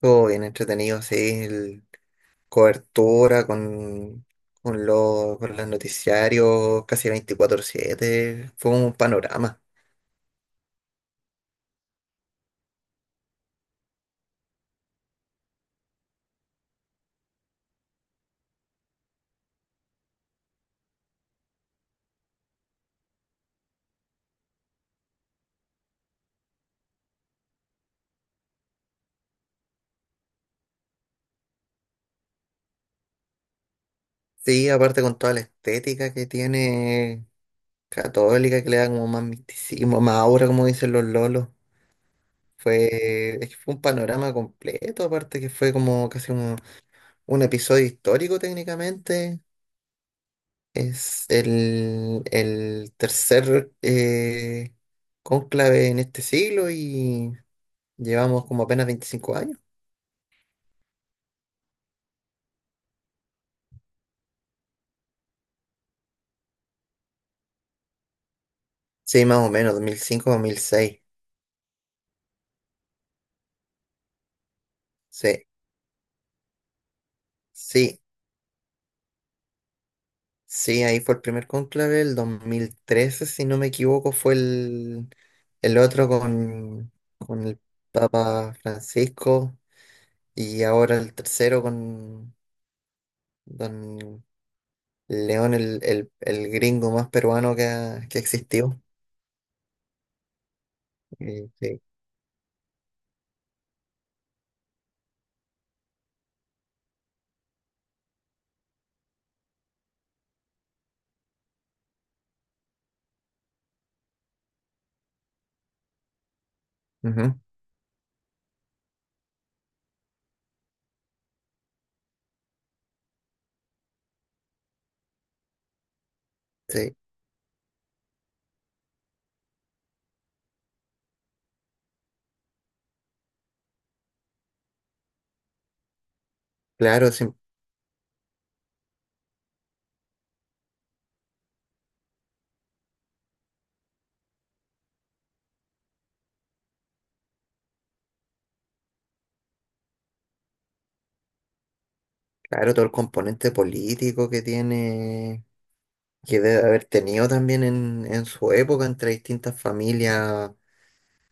Todo bien entretenido, sí. Cobertura con los noticiarios casi 24/7. Fue un panorama. Sí, aparte con toda la estética que tiene católica, que le da como más misticismo, más aura, como dicen los lolos. Es que fue un panorama completo, aparte que fue como casi como un episodio histórico técnicamente. Es el tercer cónclave en este siglo y llevamos como apenas 25 años. Sí, más o menos, 2005, 2006. Sí, sí, sí, ahí fue el primer cónclave. El 2013, si no me equivoco, fue el otro con el Papa Francisco. Y ahora el tercero con Don León, el gringo más peruano que, que existió. Sí, ujú, sí, claro, sí, claro, todo el componente político que tiene, que debe haber tenido también en su época entre distintas familias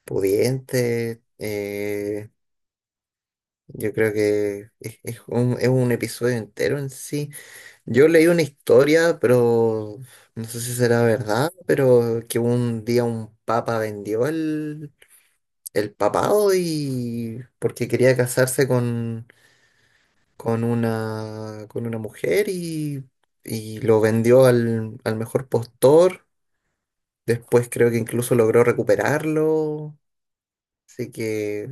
pudientes. Yo creo que es un episodio entero en sí. Yo leí una historia, pero no sé si será verdad, pero que un día un papa vendió el papado, y porque quería casarse con una mujer, y lo vendió al mejor postor. Después creo que incluso logró recuperarlo. Así que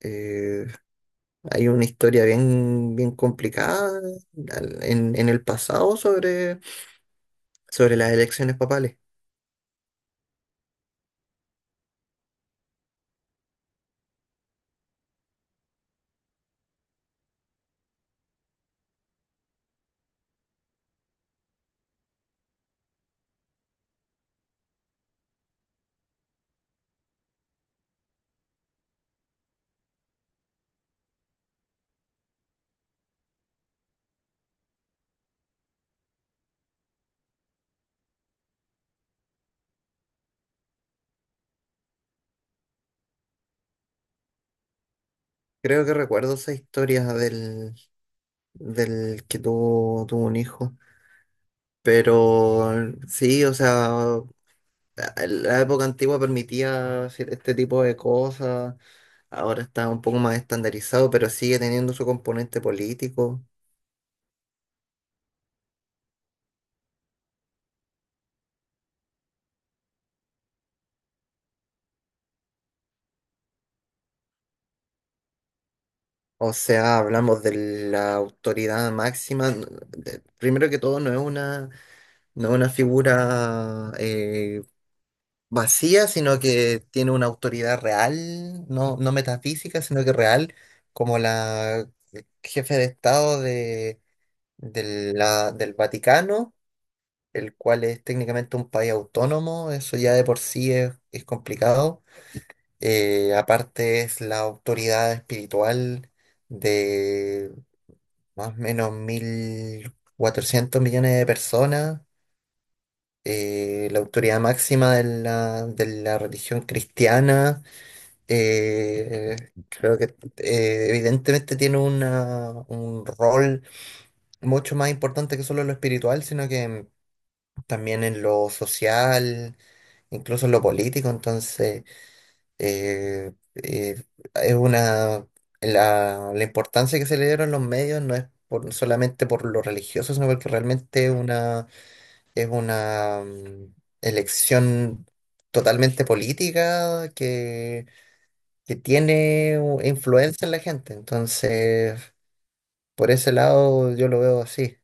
eh, hay una historia bien, bien complicada en el pasado sobre las elecciones papales. Creo que recuerdo esa historia del que tuvo un hijo. Pero sí, o sea, la época antigua permitía hacer este tipo de cosas. Ahora está un poco más estandarizado, pero sigue teniendo su componente político. O sea, hablamos de la autoridad máxima. Primero que todo, no es una figura vacía, sino que tiene una autoridad real, no, no metafísica, sino que real, como la jefe de Estado del Vaticano, el cual es técnicamente un país autónomo. Eso ya de por sí es complicado. Aparte es la autoridad espiritual más o menos 1.400 millones de personas, la autoridad máxima de de la religión cristiana. Creo que evidentemente tiene un rol mucho más importante que solo en lo espiritual, sino que también en lo social, incluso en lo político. Entonces eh, eh, es una, la, la importancia que se le dieron los medios no es por, solamente por lo religioso, sino porque realmente es una elección totalmente política, que tiene influencia en la gente. Entonces, por ese lado yo lo veo así.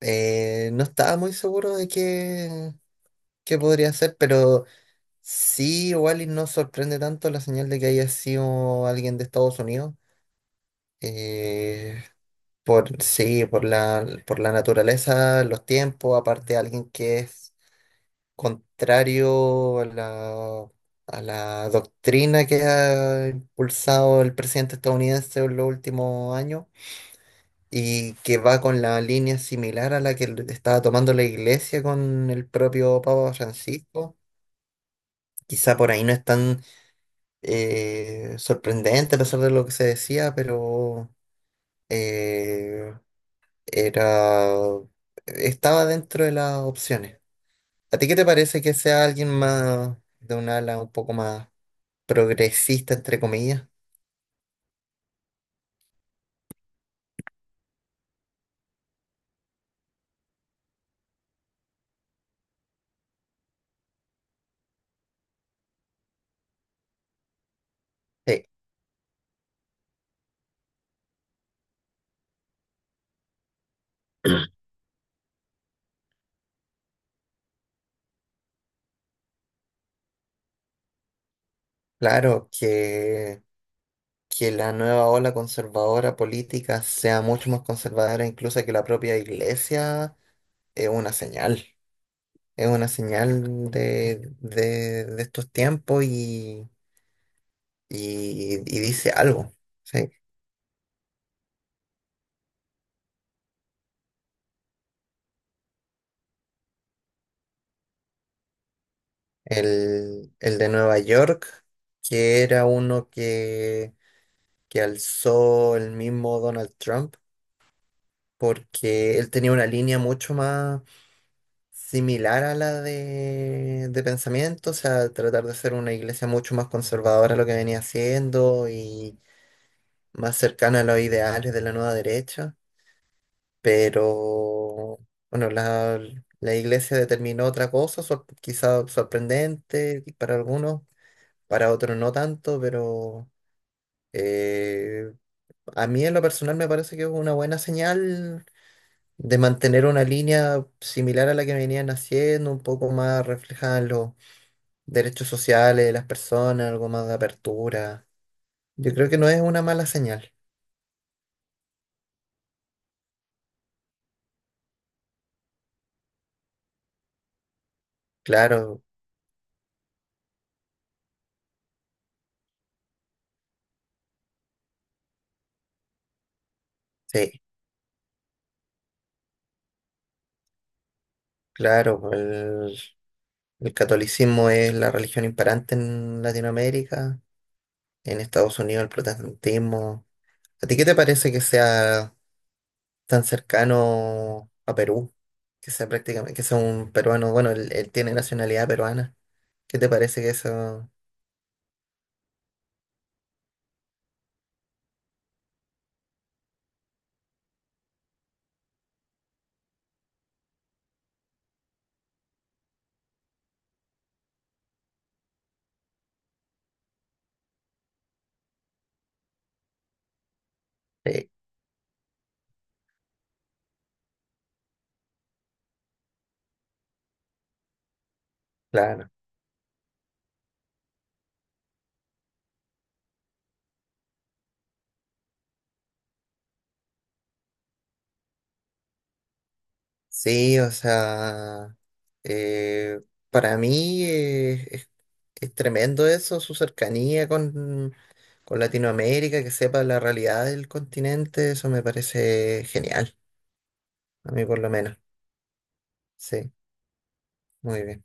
No estaba muy seguro qué podría ser, pero sí, igual y no sorprende tanto la señal de que haya sido alguien de Estados Unidos. eh, sí, por la naturaleza, los tiempos, aparte alguien que es contrario a a la doctrina que ha impulsado el presidente estadounidense en los últimos años, y que va con la línea similar a la que estaba tomando la iglesia con el propio Papa Francisco. Quizá por ahí no están sorprendente a pesar de lo que se decía, pero eh, era estaba dentro de las opciones. ¿A ti qué te parece que sea alguien más de un ala un poco más progresista, entre comillas? Sí, claro, que la nueva ola conservadora política sea mucho más conservadora incluso que la propia iglesia es una señal. Es una señal de estos tiempos, y dice algo, ¿sí? El de Nueva York, que era uno que alzó el mismo Donald Trump, porque él tenía una línea mucho más similar a la de pensamiento. O sea, tratar de ser una iglesia mucho más conservadora a lo que venía haciendo y más cercana a los ideales de la nueva derecha. Pero bueno, la iglesia determinó otra cosa, quizá sorprendente para algunos, para otros no tanto, pero eh, a mí en lo personal me parece que es una buena señal de mantener una línea similar a la que venían haciendo, un poco más reflejada en los derechos sociales de las personas, algo más de apertura. Yo creo que no es una mala señal. Claro, sí, claro. El catolicismo es la religión imperante en Latinoamérica, en Estados Unidos el protestantismo. ¿A ti qué te parece que sea tan cercano a Perú? Que sea prácticamente, que sea un peruano, bueno, él tiene nacionalidad peruana. ¿Qué te parece que eso? Sí, claro. Sí, o sea, eh, para mí es tremendo eso, su cercanía con Latinoamérica, que sepa la realidad del continente. Eso me parece genial. A mí por lo menos. Sí, muy bien.